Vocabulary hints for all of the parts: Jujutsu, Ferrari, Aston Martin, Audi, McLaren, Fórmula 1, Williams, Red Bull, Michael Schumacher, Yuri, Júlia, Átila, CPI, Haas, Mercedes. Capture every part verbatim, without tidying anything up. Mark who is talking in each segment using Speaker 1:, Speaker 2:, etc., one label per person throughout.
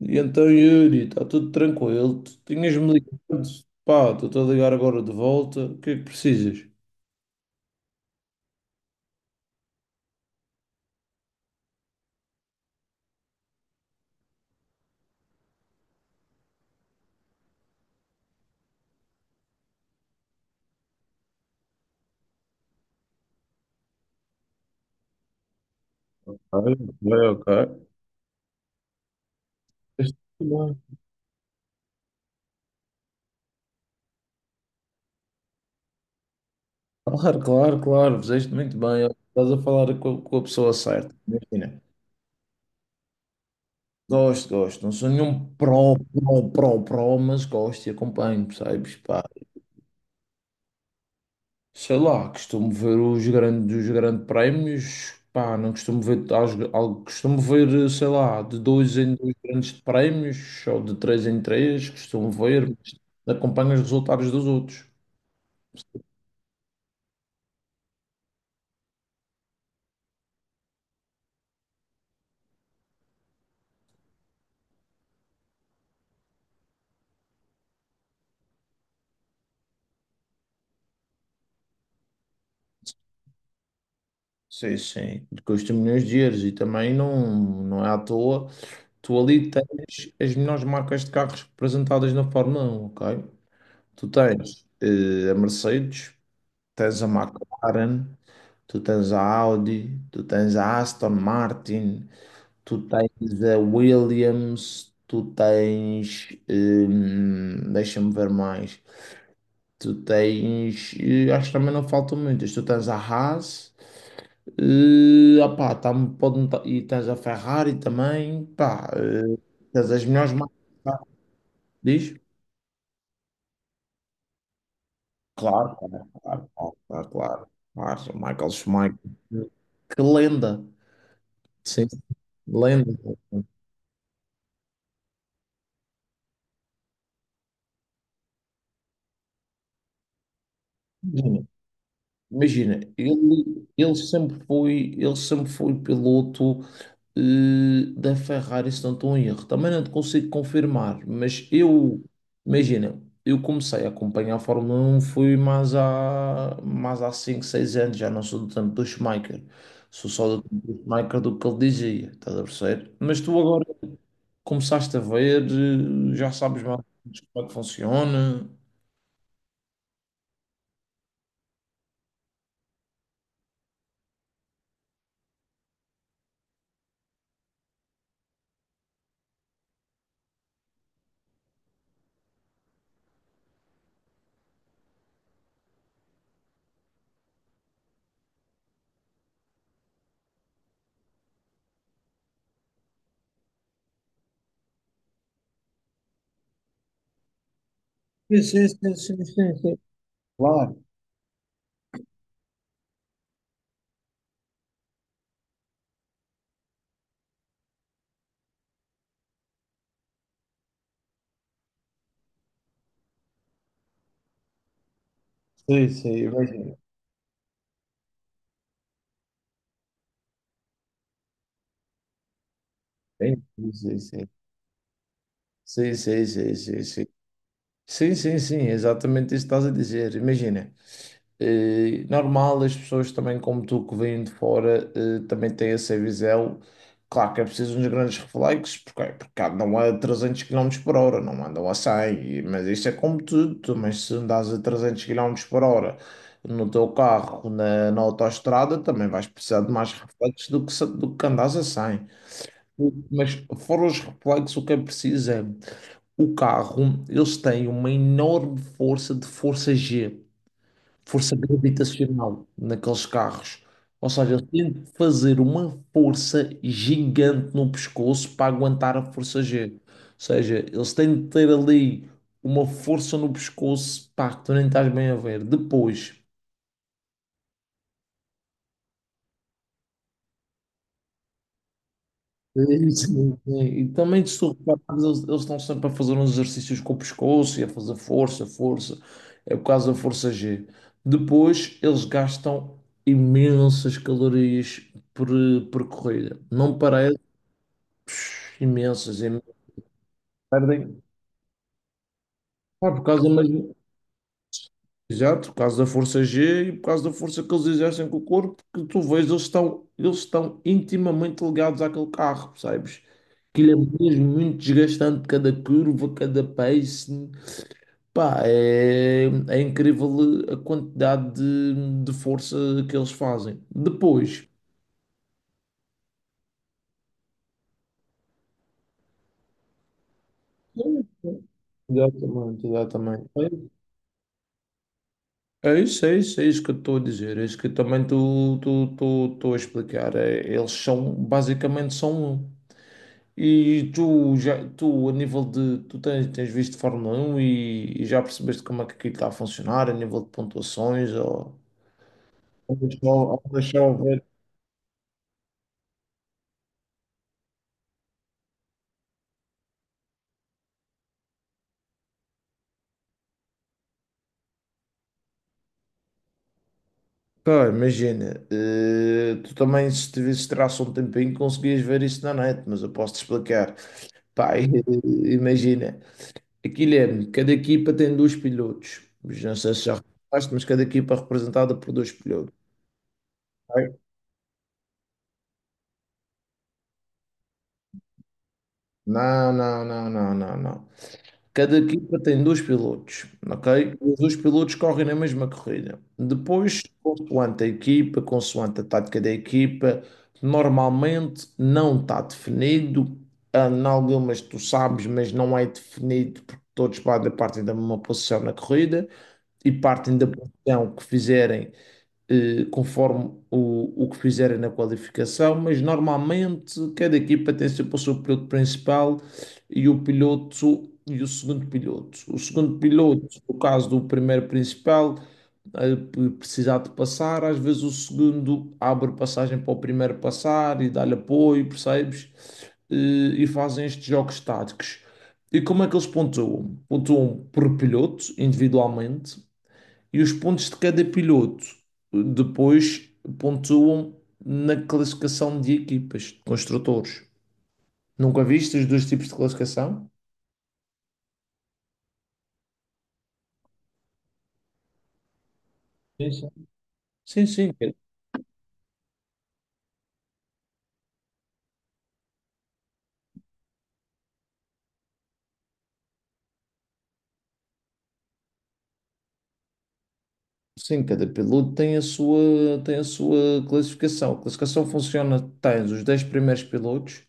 Speaker 1: E então, Yuri, está tudo tranquilo. Tu tinhas-me ligado. Pá, estou a ligar agora de volta. O que é que precisas? Ok, ok, ok. Fizeste muito bem. Claro, claro, claro. Fizeste muito bem. Estás a falar com, a com a pessoa certa. Imagina. Gosto, gosto. Não sou nenhum pró, pró, pró, pró, mas gosto e acompanho, percebes? Pá, sei lá, costumo ver os grandes, os grandes prémios, pá, não costumo ver, aos- algo- costumo ver, sei lá, de dois em dois grandes prémios, ou de três em três, costumo ver, mas acompanho os resultados dos outros. Sim, sim, custa milhões de euros e também não, não é à toa. Tu ali tens as melhores marcas de carros representadas na Fórmula um, ok? Tu tens eh, a Mercedes, tens a McLaren, tu tens a Audi, tu tens a Aston Martin, tu tens a Williams, tu tens. Hum, deixa-me ver mais. Tu tens. eh, Acho que também não faltam muitas. Tu tens a Haas, eh, opá, tam- pode, não ta- e tens a Ferrari também. Pá, eh, tens as melhores marcas. Pá, diz? Claro, claro, claro, claro, claro. Claro. Michael Schumacher. Que lenda. Sim, lenda. Imagina, ele, ele sempre foi, ele sempre foi piloto eh, da Ferrari, se não estou em erro. Também não te consigo confirmar, mas eu, imagina, eu comecei a acompanhar a Fórmula um, fui mais há, mais há cinco seis anos, já não sou do tempo do Schumacher. Sou só do tempo do Schumacher do que ele dizia, estás a perceber? Mas tu agora começaste a ver, eh, já sabes mais como é que funciona. Sim, sim, sim, sim, sim, sim. Claro, sim, sim, imagina. Entendi. Sim, sim, sim, sim, sim, sim, sim, sim, sim, sim, exatamente isso que estás a dizer. Imagina, eh, normal, as pessoas também, como tu que vêm de fora, eh, também têm essa visão. Claro que é preciso uns grandes reflexos, porque, porque andam a trezentos quilômetros por hora, não andam a cem e- mas isso é como tudo. tu, Mas se andas a trezentos quilômetros por hora no teu carro, na, na autoestrada, também vais precisar de mais reflexos do que, se- do que andas a cem. Mas fora os reflexos, o que é preciso é o carro, eles têm uma enorme força de força G, força gravitacional naqueles carros. Ou seja, eles têm de fazer uma força gigante no pescoço para aguentar a força G. Ou seja, eles têm de ter ali uma força no pescoço, pá, que tu nem estás bem a ver. Depois. Sim, sim. E também, se tu reparas, eles, eles estão sempre a fazer uns exercícios com o pescoço e a fazer força, força. É por causa da força G. Depois, eles gastam imensas calorias por, por corrida. Não parece, psh, imensas. im- Perdem. Ah, por causa, imagina- exato, por causa da força G e por causa da força que eles exercem com o corpo, que tu vês, eles estão, eles estão intimamente ligados àquele carro, percebes? Aquilo é mesmo muito desgastante, cada curva, cada pace. Pá, é, é incrível a quantidade de, de força que eles fazem. Depois. Exatamente, exatamente. É isso, é isso, é isso que eu estou a dizer, é isso que eu também estou estou- estou- estou a explicar. É, eles são, basicamente, são um. E tu, já, tu, a nível de. Tu tens, tens visto Fórmula Um e, e já percebeste como é que aquilo está a funcionar, a nível de pontuações? Ou... Então, deixa eu ver. Cara, imagina, eh, tu também, se tivesses traço um tempinho, conseguias ver isso na net, mas eu posso te explicar. Pá, eh, imagina, aquilo é, cada equipa tem dois pilotos. Não sei se já reparaste, mas cada equipa é representada por dois pilotos. Ok? Não, não, não, não, não, não. Cada equipa tem dois pilotos, ok? Os dois pilotos correm na mesma corrida. Depois, consoante a equipa, consoante a tática da equipa, normalmente não está definido. Ah, em algumas tu sabes, mas não é definido porque todos partem partem da mesma posição na corrida e partem da posição que fizerem eh, conforme o, o que fizerem na qualificação, mas normalmente cada equipa tem sempre o seu piloto principal e o piloto e o segundo piloto. O segundo piloto, no caso do primeiro principal, eh, p- precisar de passar, às vezes o segundo abre passagem para o primeiro passar e dá-lhe apoio, percebes? Eh, E fazem estes jogos táticos. E como é que eles pontuam? Pontuam por piloto, individualmente, e os pontos de cada piloto eh, depois pontuam na classificação de equipas, de construtores. Nunca viste os dois tipos de classificação? Sim, sim. Sim, sim, ca- sim, cada piloto tem a sua, tem a sua classificação. A classificação funciona, tens os dez primeiros pilotos.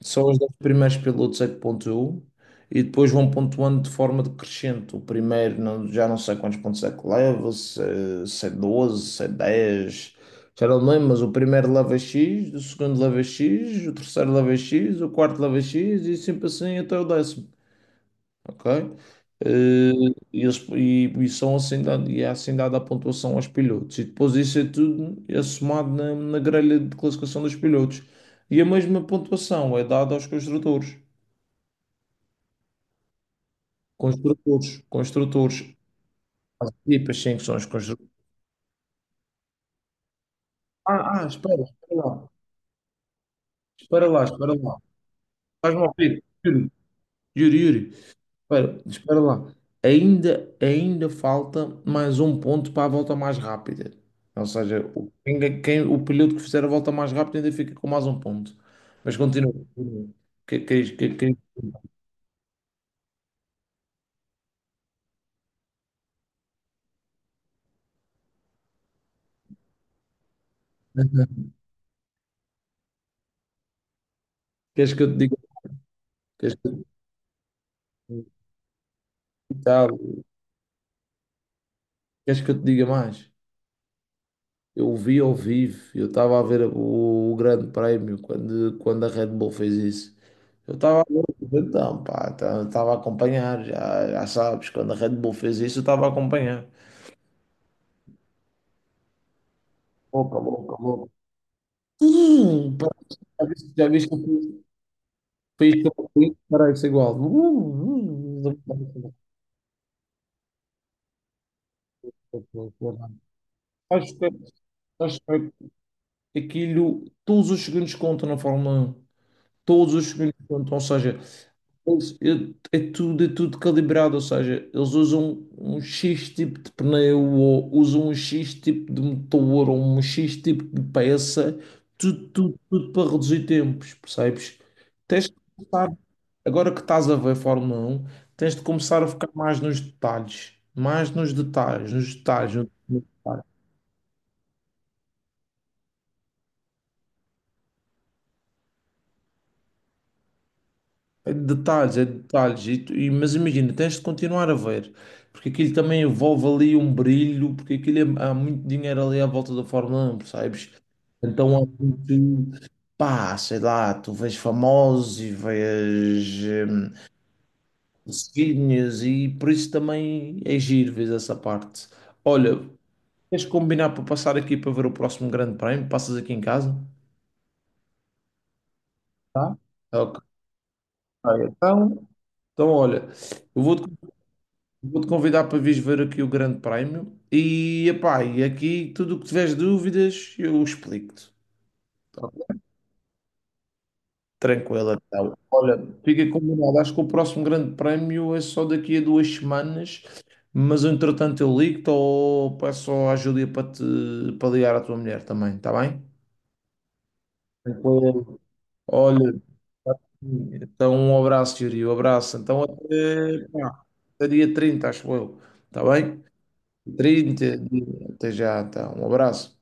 Speaker 1: São os dez primeiros pilotos é que pontuam e depois vão pontuando de forma decrescente. O primeiro não- já não sei quantos pontos é que leva, se, se é doze, se é dez, já não me lembro, mas o primeiro leva X, o segundo leva X, o terceiro leva X, o quarto leva X e sempre assim até o décimo, ok? Eh, e, eles, e, e são assim dado, e é assim dada a pontuação aos pilotos. E depois isso é tudo é somado na, na grelha de classificação dos pilotos. E a mesma pontuação é dada aos construtores. Construtores, construtores. As equipas sim que são os construtores. Ah, ah, espera, espera lá. Espera lá, espera lá. Faz-me ouvir. Yuri, Yuri, Yuri. Espera, espera lá. Ainda, ainda falta mais um ponto para a volta mais rápida. Ou seja, o- quem, quem- o piloto que fizer a volta mais rápida ainda fica com mais um ponto. Mas continua. Que- Queres que, que- Queres que eu te diga? Queres que, eu- tá, Queres que eu te diga mais? Eu vi ao vivo, eu estava a ver o, o Grande Prémio quando, quando a Red Bull fez isso. Eu estava a ver, então, pá, estava a acompanhar, já, já sabes, quando a Red Bull fez isso, eu estava a acompanhar. Opa, louca, louca. Hum, pá, Já viste, já viste que o país país que eu fui para isso é igual. Uh, uh, uh. Acho que acho que aquilo, todos os segundos contam na Fórmula um. Todos os segundos contam. Ou seja, Eles- eu- é tudo, é tudo calibrado, ou seja, eles usam um X tipo de pneu, ou usam um X tipo de motor, ou um X tipo de peça, tudo, tudo, tudo para reduzir tempos, percebes? Tens de começar, agora que estás a ver Fórmula um, tens de começar a ficar mais nos detalhes, mais nos detalhes, nos detalhes, nos detalhes. É de detalhes, é de detalhes, e, tu- e- mas imagina, tens de continuar a ver, porque aquilo também envolve ali um brilho, porque aquilo é- há muito dinheiro ali à volta da Fórmula um, percebes? Então há muito, pá, sei lá, tu vês famosos e vês hum, seguidinhas e por isso também é giro, vês essa parte. Olha, queres combinar para passar aqui para ver o próximo grande prémio? Passas aqui em casa? Tá? Ok. Ah, então, então olha, eu vou-te Vou-te convidar para vires ver aqui o Grande Prémio e, epá, e aqui tudo o que tiveres dúvidas eu explico-te. Tranquila, então. Olha, fica combinado. Acho que o próximo Grande Prémio é só daqui a duas semanas, mas entretanto eu ligo-te ou peço à Júlia para te para ligar à tua mulher também, está bem? Tranquilo. Olha, tá sim. Então um abraço, Yuri, um abraço. Então até, pá, até dia trinta, acho eu. Está bem? Trinta dias. Até já, então. Um abraço.